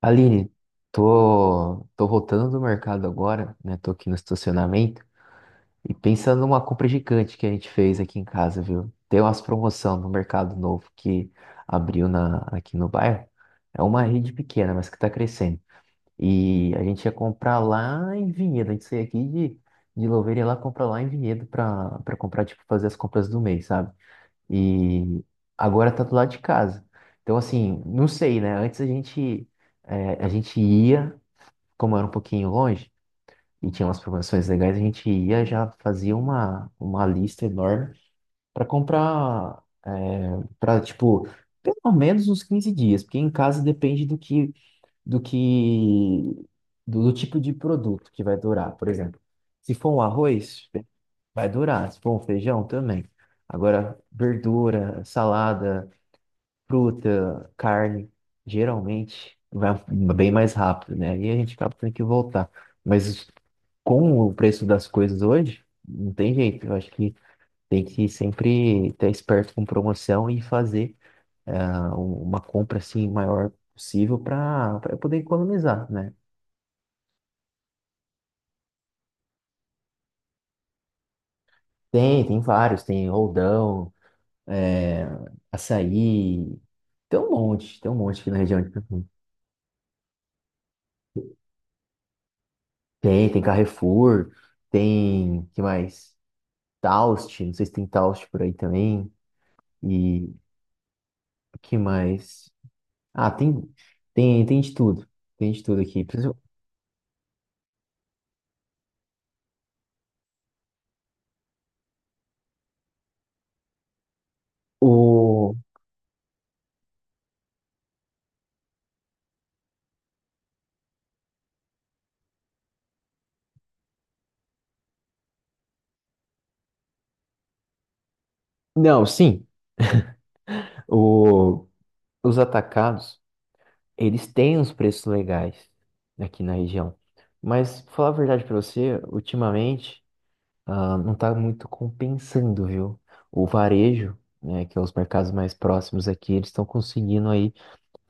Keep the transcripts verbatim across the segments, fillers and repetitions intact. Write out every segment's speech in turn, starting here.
Aline, tô, tô voltando do mercado agora, né? Tô aqui no estacionamento e pensando numa compra gigante que a gente fez aqui em casa, viu? Tem umas promoção no mercado novo que abriu na, aqui no bairro. É uma rede pequena, mas que tá crescendo. E a gente ia comprar lá em Vinhedo. A gente saiu aqui de, de Louveira e ia lá comprar lá em Vinhedo pra, pra comprar, tipo, fazer as compras do mês, sabe? E agora tá do lado de casa. Então, assim, não sei, né? Antes a gente, eh, a gente ia, como era um pouquinho longe e tinha umas promoções legais, a gente ia já fazia uma, uma lista enorme para comprar, é, para, tipo, pelo menos uns quinze dias, porque em casa depende do que, do que, do, do tipo de produto que vai durar. Por exemplo, se for um arroz, vai durar. Se for um feijão, também. Agora, verdura, salada fruta, carne, geralmente vai bem mais rápido, né? E a gente acaba tendo que voltar. Mas com o preço das coisas hoje, não tem jeito. Eu acho que tem que sempre estar esperto com promoção e fazer ah, um, uma compra assim maior possível para para poder economizar, né? Tem, tem vários, tem roldão, é, açaí, tem um monte, tem um monte aqui na região de Campinas. Tem, tem Carrefour, tem, que mais? Taust, não sei se tem Taust por aí também. E o que mais? Ah, tem, tem, tem de tudo. Tem de tudo aqui. Por exemplo, O... não, sim. O... Os atacados, eles têm uns preços legais aqui na região. Mas, pra falar a verdade pra você, ultimamente, ah, não tá muito compensando, viu? O varejo, né, que é os mercados mais próximos aqui, eles estão conseguindo aí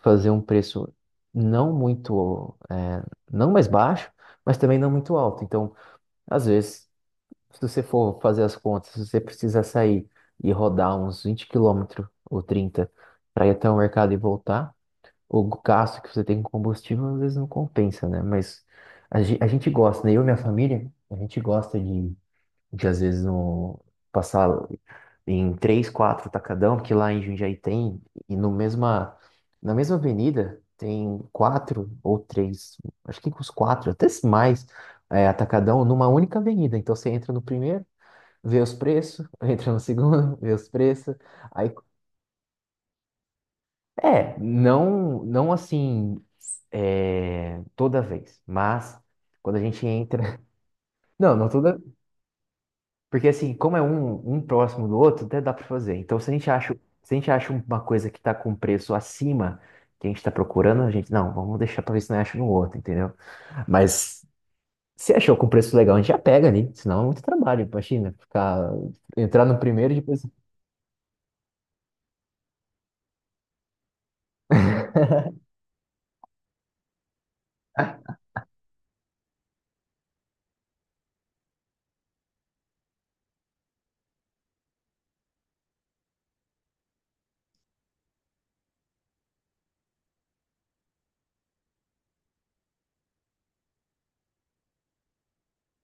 fazer um preço não muito, é, não mais baixo, mas também não muito alto. Então, às vezes, se você for fazer as contas, se você precisa sair e rodar uns vinte quilômetros ou trinta para ir até o mercado e voltar, o gasto que você tem com combustível às vezes não compensa, né? Mas a, ge- a gente gosta, né? Eu e minha família, a gente gosta de de às vezes no, passar em três, quatro tacadão, porque lá em Jundiaí tem, e no mesma, na mesma avenida tem quatro ou três, acho que os quatro, até mais, é, atacadão numa única avenida. Então você entra no primeiro, vê os preços, entra no segundo, vê os preços. Aí, é, não, não assim é, toda vez, mas quando a gente entra. Não, não toda. Porque assim, como é um, um próximo do outro, até dá para fazer. Então, se a gente acha, se a gente acha uma coisa que está com preço acima que a gente está procurando, a gente, não, vamos deixar para ver se não acha no outro, entendeu? Mas se achou com preço legal, a gente já pega ali, senão é muito trabalho, imagina, ficar, entrar no primeiro e depois.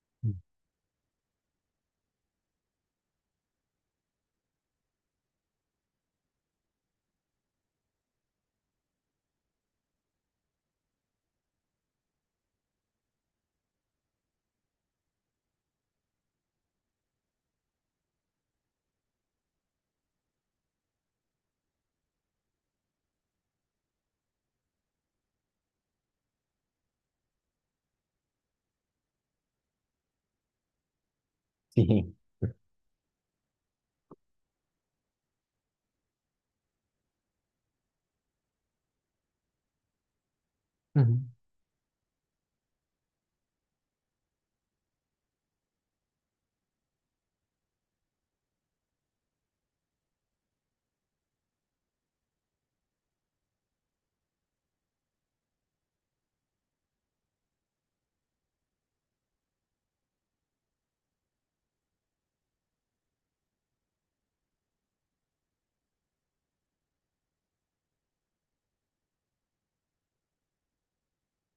Sim. Uhum.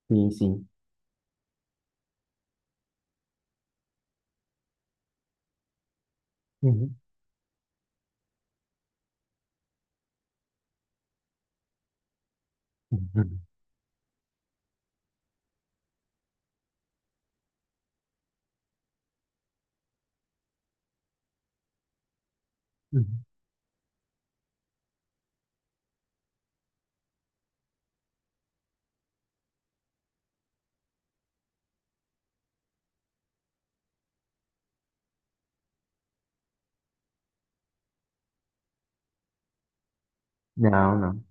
Sim, sim. Uhum. Uhum. Uhum. Não, não.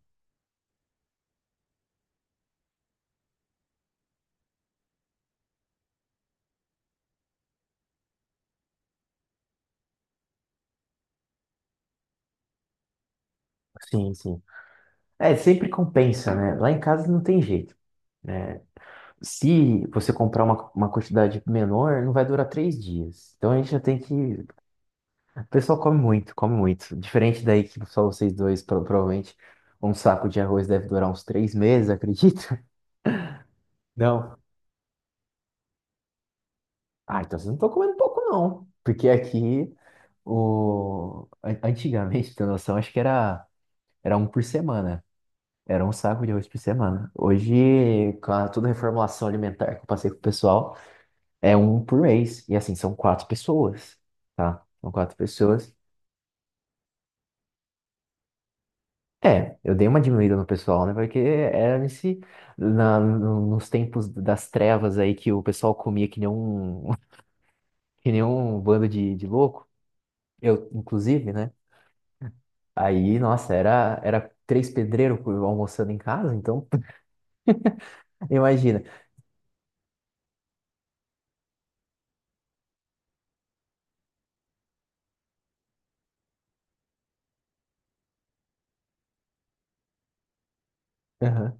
Sim, sim. É, sempre compensa, né? Lá em casa não tem jeito. Né? Se você comprar uma, uma quantidade menor, não vai durar três dias. Então a gente já tem que. O pessoal come muito, come muito. Diferente daí que só vocês dois, pro- provavelmente, um saco de arroz deve durar uns três meses, acredita? Não. Ah, então vocês não estão comendo pouco, não. Porque aqui, o... an- antigamente, pra ter noção, acho que era, era um por semana. Era um saco de arroz por semana. Hoje, com a, toda a reformulação alimentar que eu passei com o pessoal. É um por mês. E assim, são quatro pessoas, tá? São quatro pessoas. É, eu dei uma diminuída no pessoal, né? Porque era nesse, na, no- nos tempos das trevas aí que o pessoal comia que nem um, que nem um bando de, de louco. Eu, inclusive, né? Aí, nossa, era, era três pedreiros por- almoçando em casa, então imagina. Aham.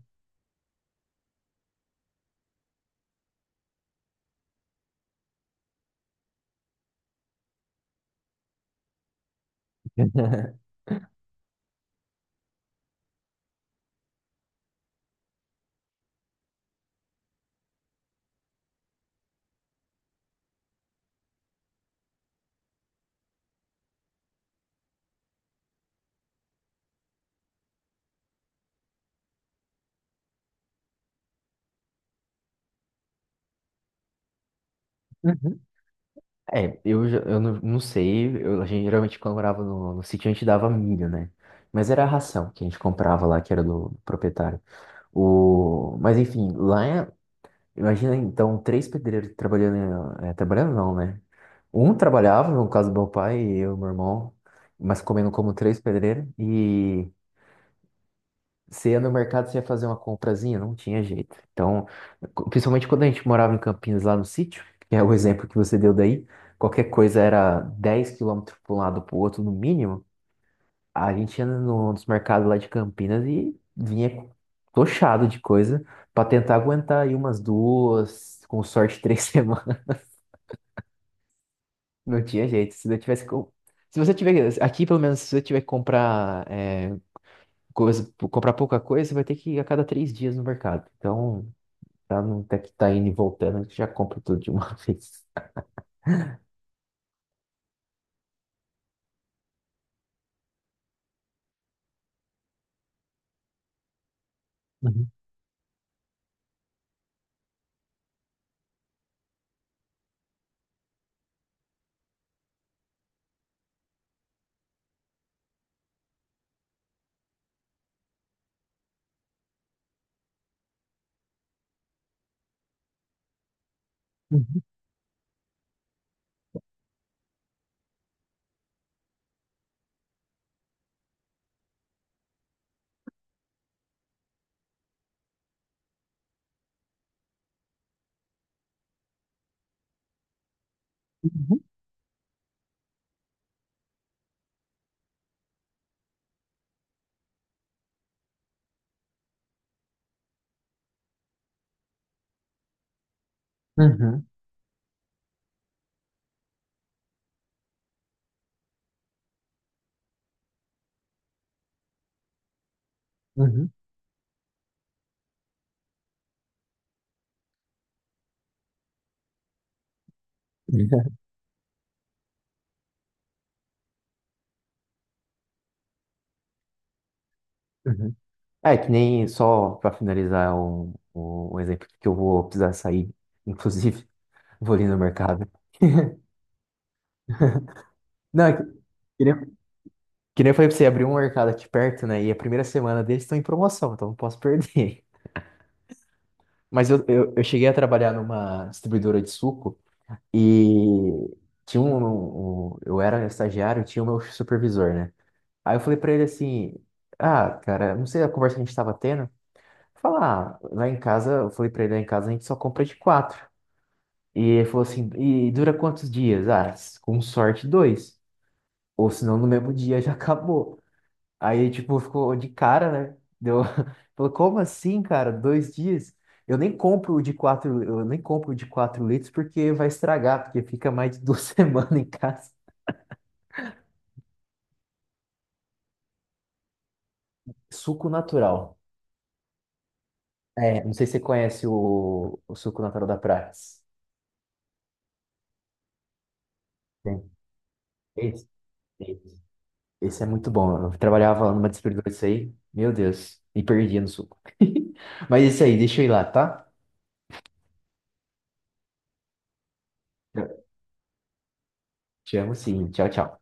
Uhum. É, eu, já- eu não, não sei, eu, a gente geralmente quando morava no, no sítio a gente dava milho, né? Mas era a ração que a gente comprava lá, que era do proprietário. O... Mas enfim, lá é... Imagina então três pedreiros trabalhando, é, trabalhando não, né? Um trabalhava, no caso do meu pai e eu, e meu irmão, mas comendo como três pedreiros. E você ia no mercado, você ia fazer uma comprazinha, não tinha jeito. Então, co- principalmente quando a gente morava em Campinas, lá no sítio, que é o exemplo que você deu daí, qualquer coisa era dez quilômetros para um lado para o outro, no mínimo. A gente ia no- nos mercados lá de Campinas e vinha tochado de coisa pra tentar aguentar aí umas duas, com sorte três semanas. Não tinha jeito. Se eu tivesse com... se você tiver aqui, pelo menos, se você tiver que comprar é, coisa, comprar pouca coisa, você vai ter que ir a cada três dias no mercado. Então, pra não ter que estar indo e voltando, a gente já compra tudo de uma vez. Uhum, uhum, uhum, uhum, uhum, uhum. É, que nem só para finalizar um, um um exemplo que eu vou precisar sair, inclusive, vou ali no mercado. Não, é que, que nem, que nem eu falei pra você, abrir um mercado aqui perto, né? E a primeira semana deles estão em promoção, então não posso perder. Mas eu, eu, eu cheguei a trabalhar numa distribuidora de suco e tinha um, um- um, Eu era estagiário, tinha o meu supervisor, né? Aí eu falei pra ele assim: Ah, cara, não sei a conversa que a gente tava tendo. Falar, ah, lá em casa, eu falei pra ele, lá em casa a gente só compra de quatro. E ele falou assim, e dura quantos dias? Ah, com sorte, dois. Ou senão no mesmo dia já acabou. Aí, tipo, ficou de cara, né? Deu... Falou, como assim, cara? Dois dias? Eu nem compro o de quatro, eu nem compro o de quatro litros porque vai estragar, porque fica mais de duas semanas em casa. Suco natural. É, não sei se você conhece o, o suco natural da Prats. Tem. Esse? Esse é muito bom. Eu trabalhava numa distribuidora disso aí. Meu Deus. Me perdia no suco. Mas é isso aí. Deixa eu ir lá, tá? Te amo sim. Tchau, tchau.